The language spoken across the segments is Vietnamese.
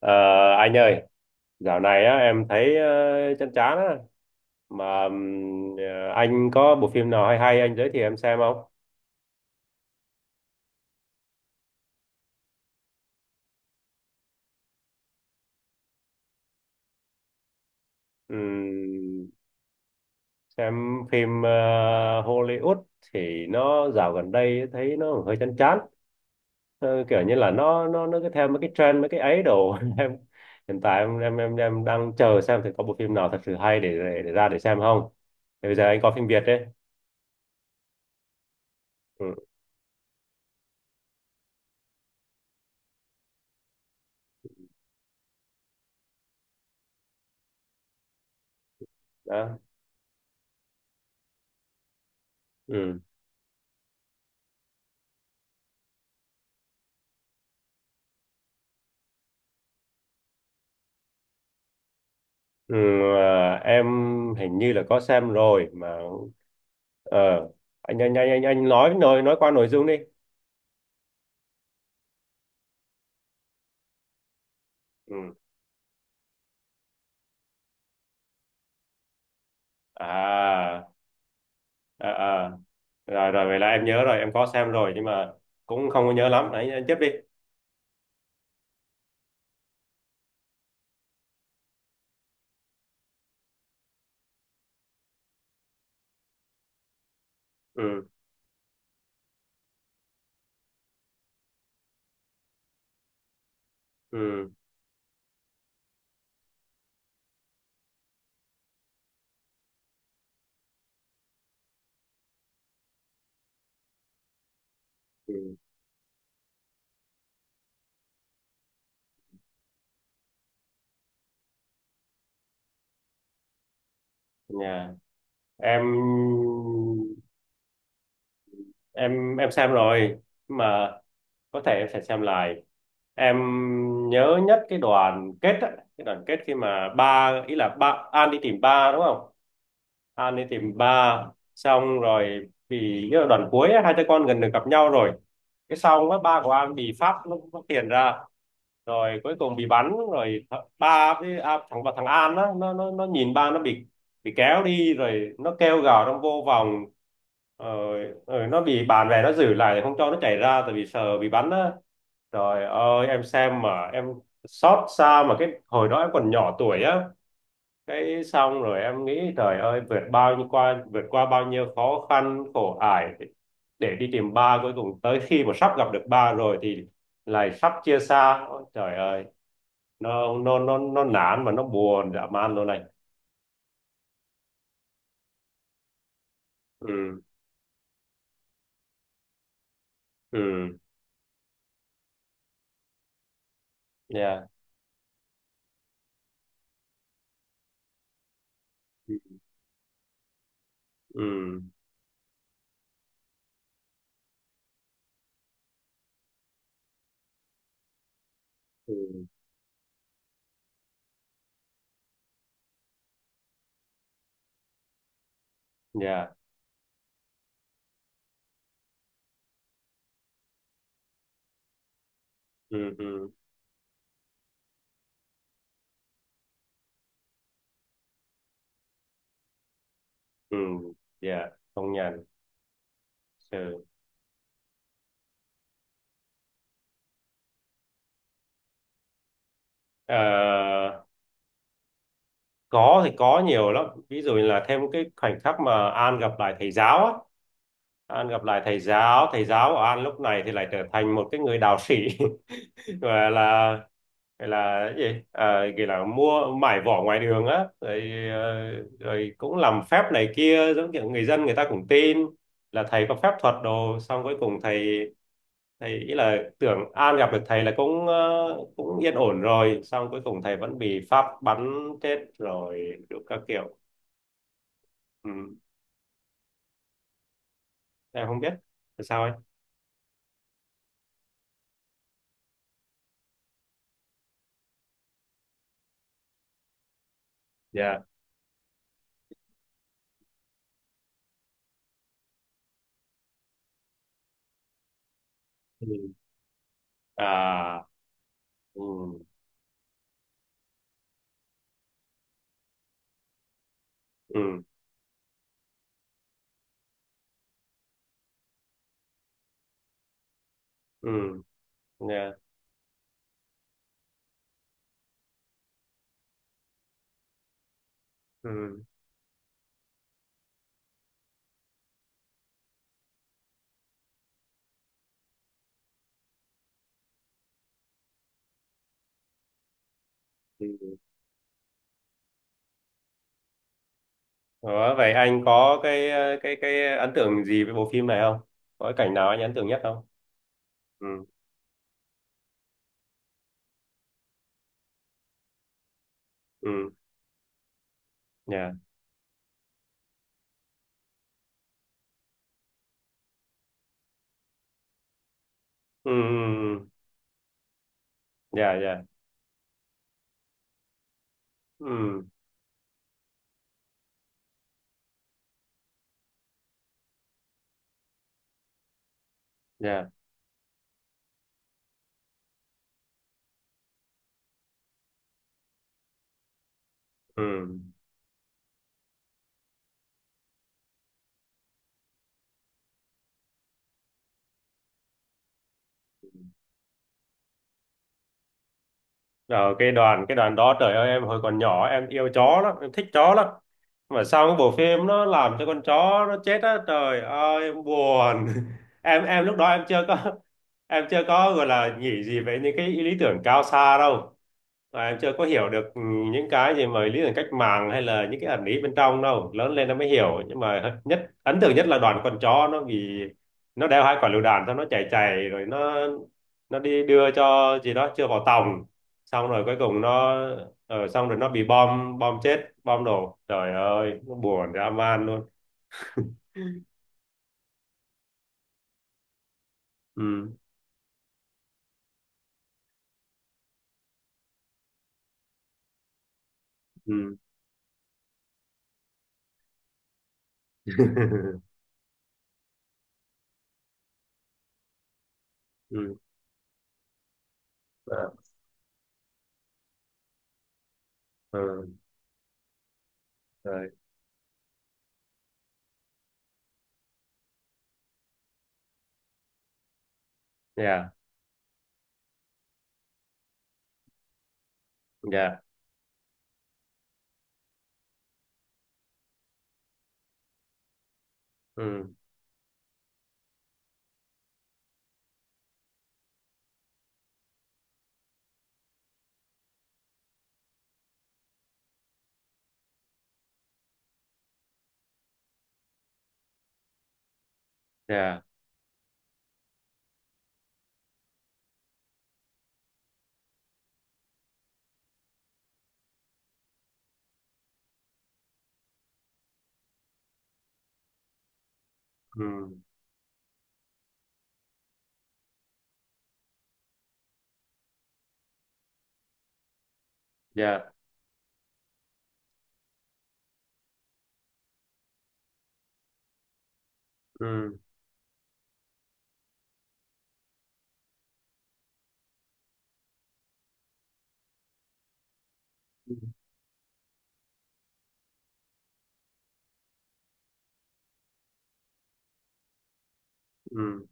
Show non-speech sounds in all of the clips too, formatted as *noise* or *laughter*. Ờ, anh ơi, dạo này á, em thấy chán chán á. Mà anh có bộ phim nào hay hay anh giới thiệu em xem không? Ừm, xem phim Hollywood thì nó dạo gần đây thấy nó hơi chán chán. Ờ, kiểu như là nó cứ theo mấy cái trend mấy cái ấy đồ. *laughs* Em hiện tại em đang chờ xem thì có bộ phim nào thật sự hay để ra để xem không. Thì bây giờ anh có phim Việt đấy. Ừ, đó. Ừ. Ừ, à, em hình như là có xem rồi mà. Ờ, anh, anh anh anh anh nói qua nội dung đi. Ừ. À, à, à. Rồi rồi vậy là em nhớ rồi, em có xem rồi nhưng mà cũng không có nhớ lắm. Anh tiếp đi. Ừ, ừ, ừ. Nhà em, em xem rồi mà có thể em sẽ xem lại. Em nhớ nhất cái đoàn kết á, cái đoàn kết khi mà ba ý là ba An đi tìm ba, đúng không? An đi tìm ba, xong rồi vì cái đoạn cuối ấy, hai cha con gần được gặp nhau rồi. Cái xong á, ba của An bị Pháp nó tiền ra rồi cuối cùng bị bắn rồi. Ba với thằng và thằng An á, nó nhìn ba nó bị kéo đi rồi nó kêu gào trong vô vòng. Rồi nó bị bạn bè nó giữ lại không cho nó chạy ra tại vì sợ bị bắn á. Trời ơi em xem mà em xót xa, mà cái hồi đó em còn nhỏ tuổi á. Cái xong rồi em nghĩ trời ơi, vượt bao nhiêu qua vượt qua bao nhiêu khó khăn khổ ải để đi tìm ba, cuối cùng tới khi mà sắp gặp được ba rồi thì lại sắp chia xa. Ôi, trời ơi, nó nản mà nó buồn dã man luôn này. Ừ, ừ. Yeah. Ừ, ừ. Yeah. Ừ, ừ, ừ. Yeah, công nhận. Ừ. Ờ, có thì có nhiều lắm, ví dụ là thêm cái khoảnh khắc mà An gặp lại thầy giáo á. An gặp lại thầy giáo của An lúc này thì lại trở thành một cái người đạo sĩ. *laughs* gọi là gọi là cái gì à, gọi là mua mải vỏ ngoài đường á rồi, rồi cũng làm phép này kia giống kiểu người dân người ta cũng tin là thầy có phép thuật đồ. Xong cuối cùng thầy thầy ý là tưởng An gặp được thầy là cũng cũng yên ổn rồi, xong cuối cùng thầy vẫn bị pháp bắn chết rồi đủ các kiểu. Ừ. Em không biết, là sao ấy. Dạ. Ừ. À. Ừ. Ừ, ừ. Dạ. Ừ. Ừ. Đó, vậy anh có cái ấn tượng gì với bộ phim này không, có cái cảnh nào anh ấn tượng nhất không? Ừ, ừ. Dạ. Ừ. Dạ, dạ. Ừ. Dạ. Ừ. Ở cái đoàn đó trời ơi em hồi còn nhỏ em yêu chó lắm, em thích chó lắm, mà sau cái bộ phim nó làm cho con chó nó chết á, trời ơi em buồn. *laughs* Em lúc đó em chưa có. *laughs* Em chưa có gọi là nghĩ gì về những cái lý tưởng cao xa đâu, và em chưa có hiểu được những cái gì mà lý tưởng cách mạng hay là những cái ẩn ý bên trong đâu. Lớn lên em mới hiểu, nhưng mà nhất ấn tượng nhất là đoàn con chó nó bị, nó đeo hai quả lựu đạn xong nó chạy chạy rồi nó đi đưa cho gì đó chưa vào tòng. Xong rồi cuối cùng nó xong rồi nó bị bom bom chết bom đổ trời ơi nó buồn dã man luôn. Ừ, ừ. *laughs* Ừ. ờ, ừ. Rồi. Dạ, dạ. Ừ. Dạ. Ừ. Dạ. Ừ, ừ, ừ.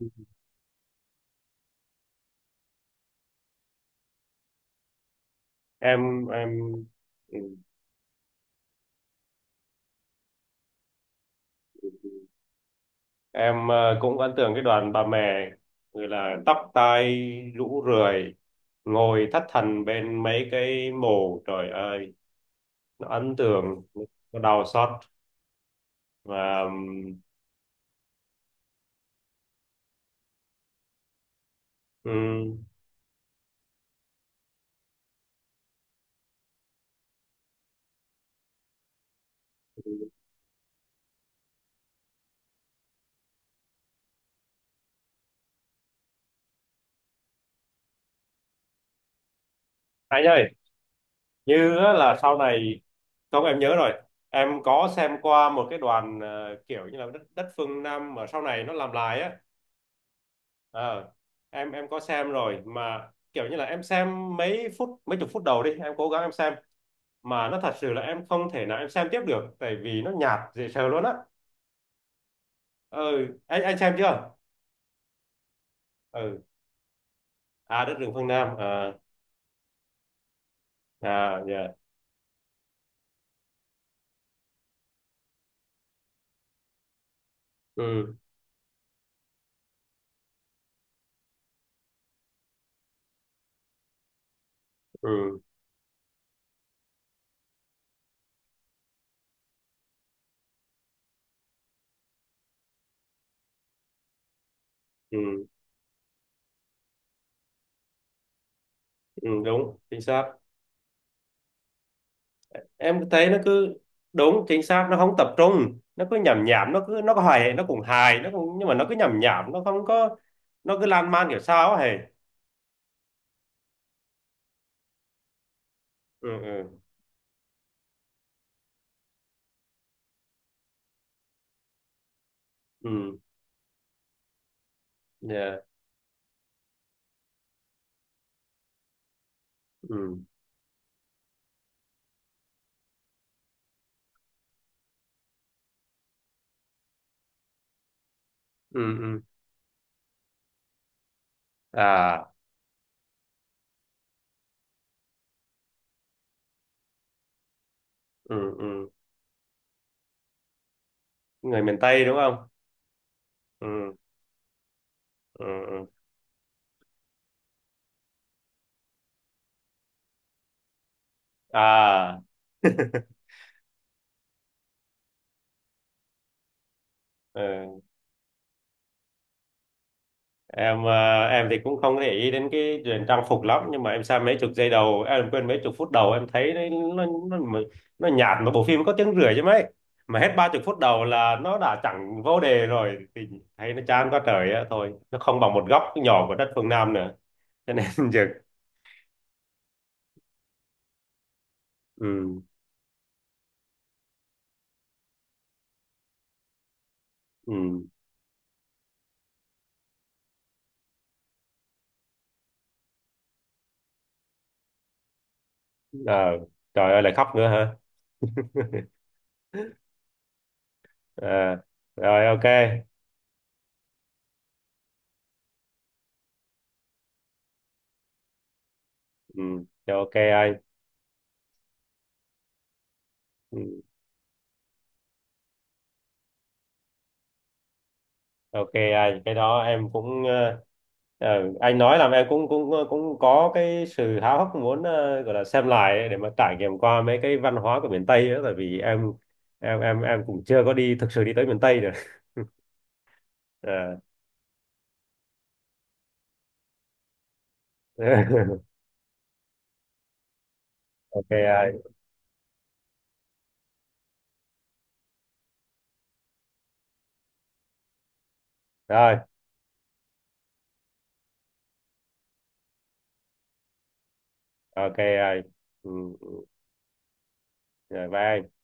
Ừ. em, ừ. Em cũng ấn tượng cái đoàn bà mẹ, người là tóc tai rũ rượi, ngồi thất thần bên mấy cái mồ trời ơi, nó ấn tượng, nó đau xót. Và um, anh ơi, như á là sau này, không em nhớ rồi, em có xem qua một cái đoàn kiểu như là đất phương Nam mà sau này nó làm lại á. Ờ, em có xem rồi mà kiểu như là em xem mấy phút, mấy chục phút đầu đi em cố gắng em xem, mà nó thật sự là em không thể nào em xem tiếp được tại vì nó nhạt dễ sợ luôn á. Ừ, anh xem chưa? Ừ. À, đất rừng phương Nam à. À, dạ. Ừ, ừ. Ừ, ừ. Đúng chính xác. Em thấy nó cứ, đúng chính xác, nó không tập trung, nó cứ nhảm nhảm, nó có hài nó cũng nhưng mà nó cứ nhảm nhảm, nó không có. Nó cứ lan man kiểu sao ấy hề. Ừ, ừ, ừ. Yeah. Ừ, ừ, ừ. À. Ừ, ừ. Người miền Tây đúng không? Ừ, ừ, ừ. À. Ừ. Em thì cũng không để ý đến cái chuyện trang phục lắm, nhưng mà em xem mấy chục giây đầu em quên, mấy chục phút đầu em thấy nó, nó nhạt. Mà bộ phim có tiếng rưỡi chứ mấy, mà hết ba chục phút đầu là nó đã chẳng vô đề rồi thì thấy nó chán quá trời á, thôi nó không bằng một góc nhỏ của đất phương Nam nữa. Cho nên *laughs* giờ. Ừ, ừ. Ờ, trời ơi lại khóc nữa hả. À, rồi, ok. Ừ. Rồi, ok anh. Ừ. Ok anh, cái đó em cũng anh nói làm em cũng cũng cũng có cái sự háo hức muốn gọi là xem lại ấy, để mà trải nghiệm qua mấy cái văn hóa của miền Tây ấy, tại vì em cũng chưa có đi thực sự đi tới miền Tây được. *laughs* Ờ. *laughs* Ok anh. Rồi, ok anh. Ừ, ừ. Rồi, bye anh.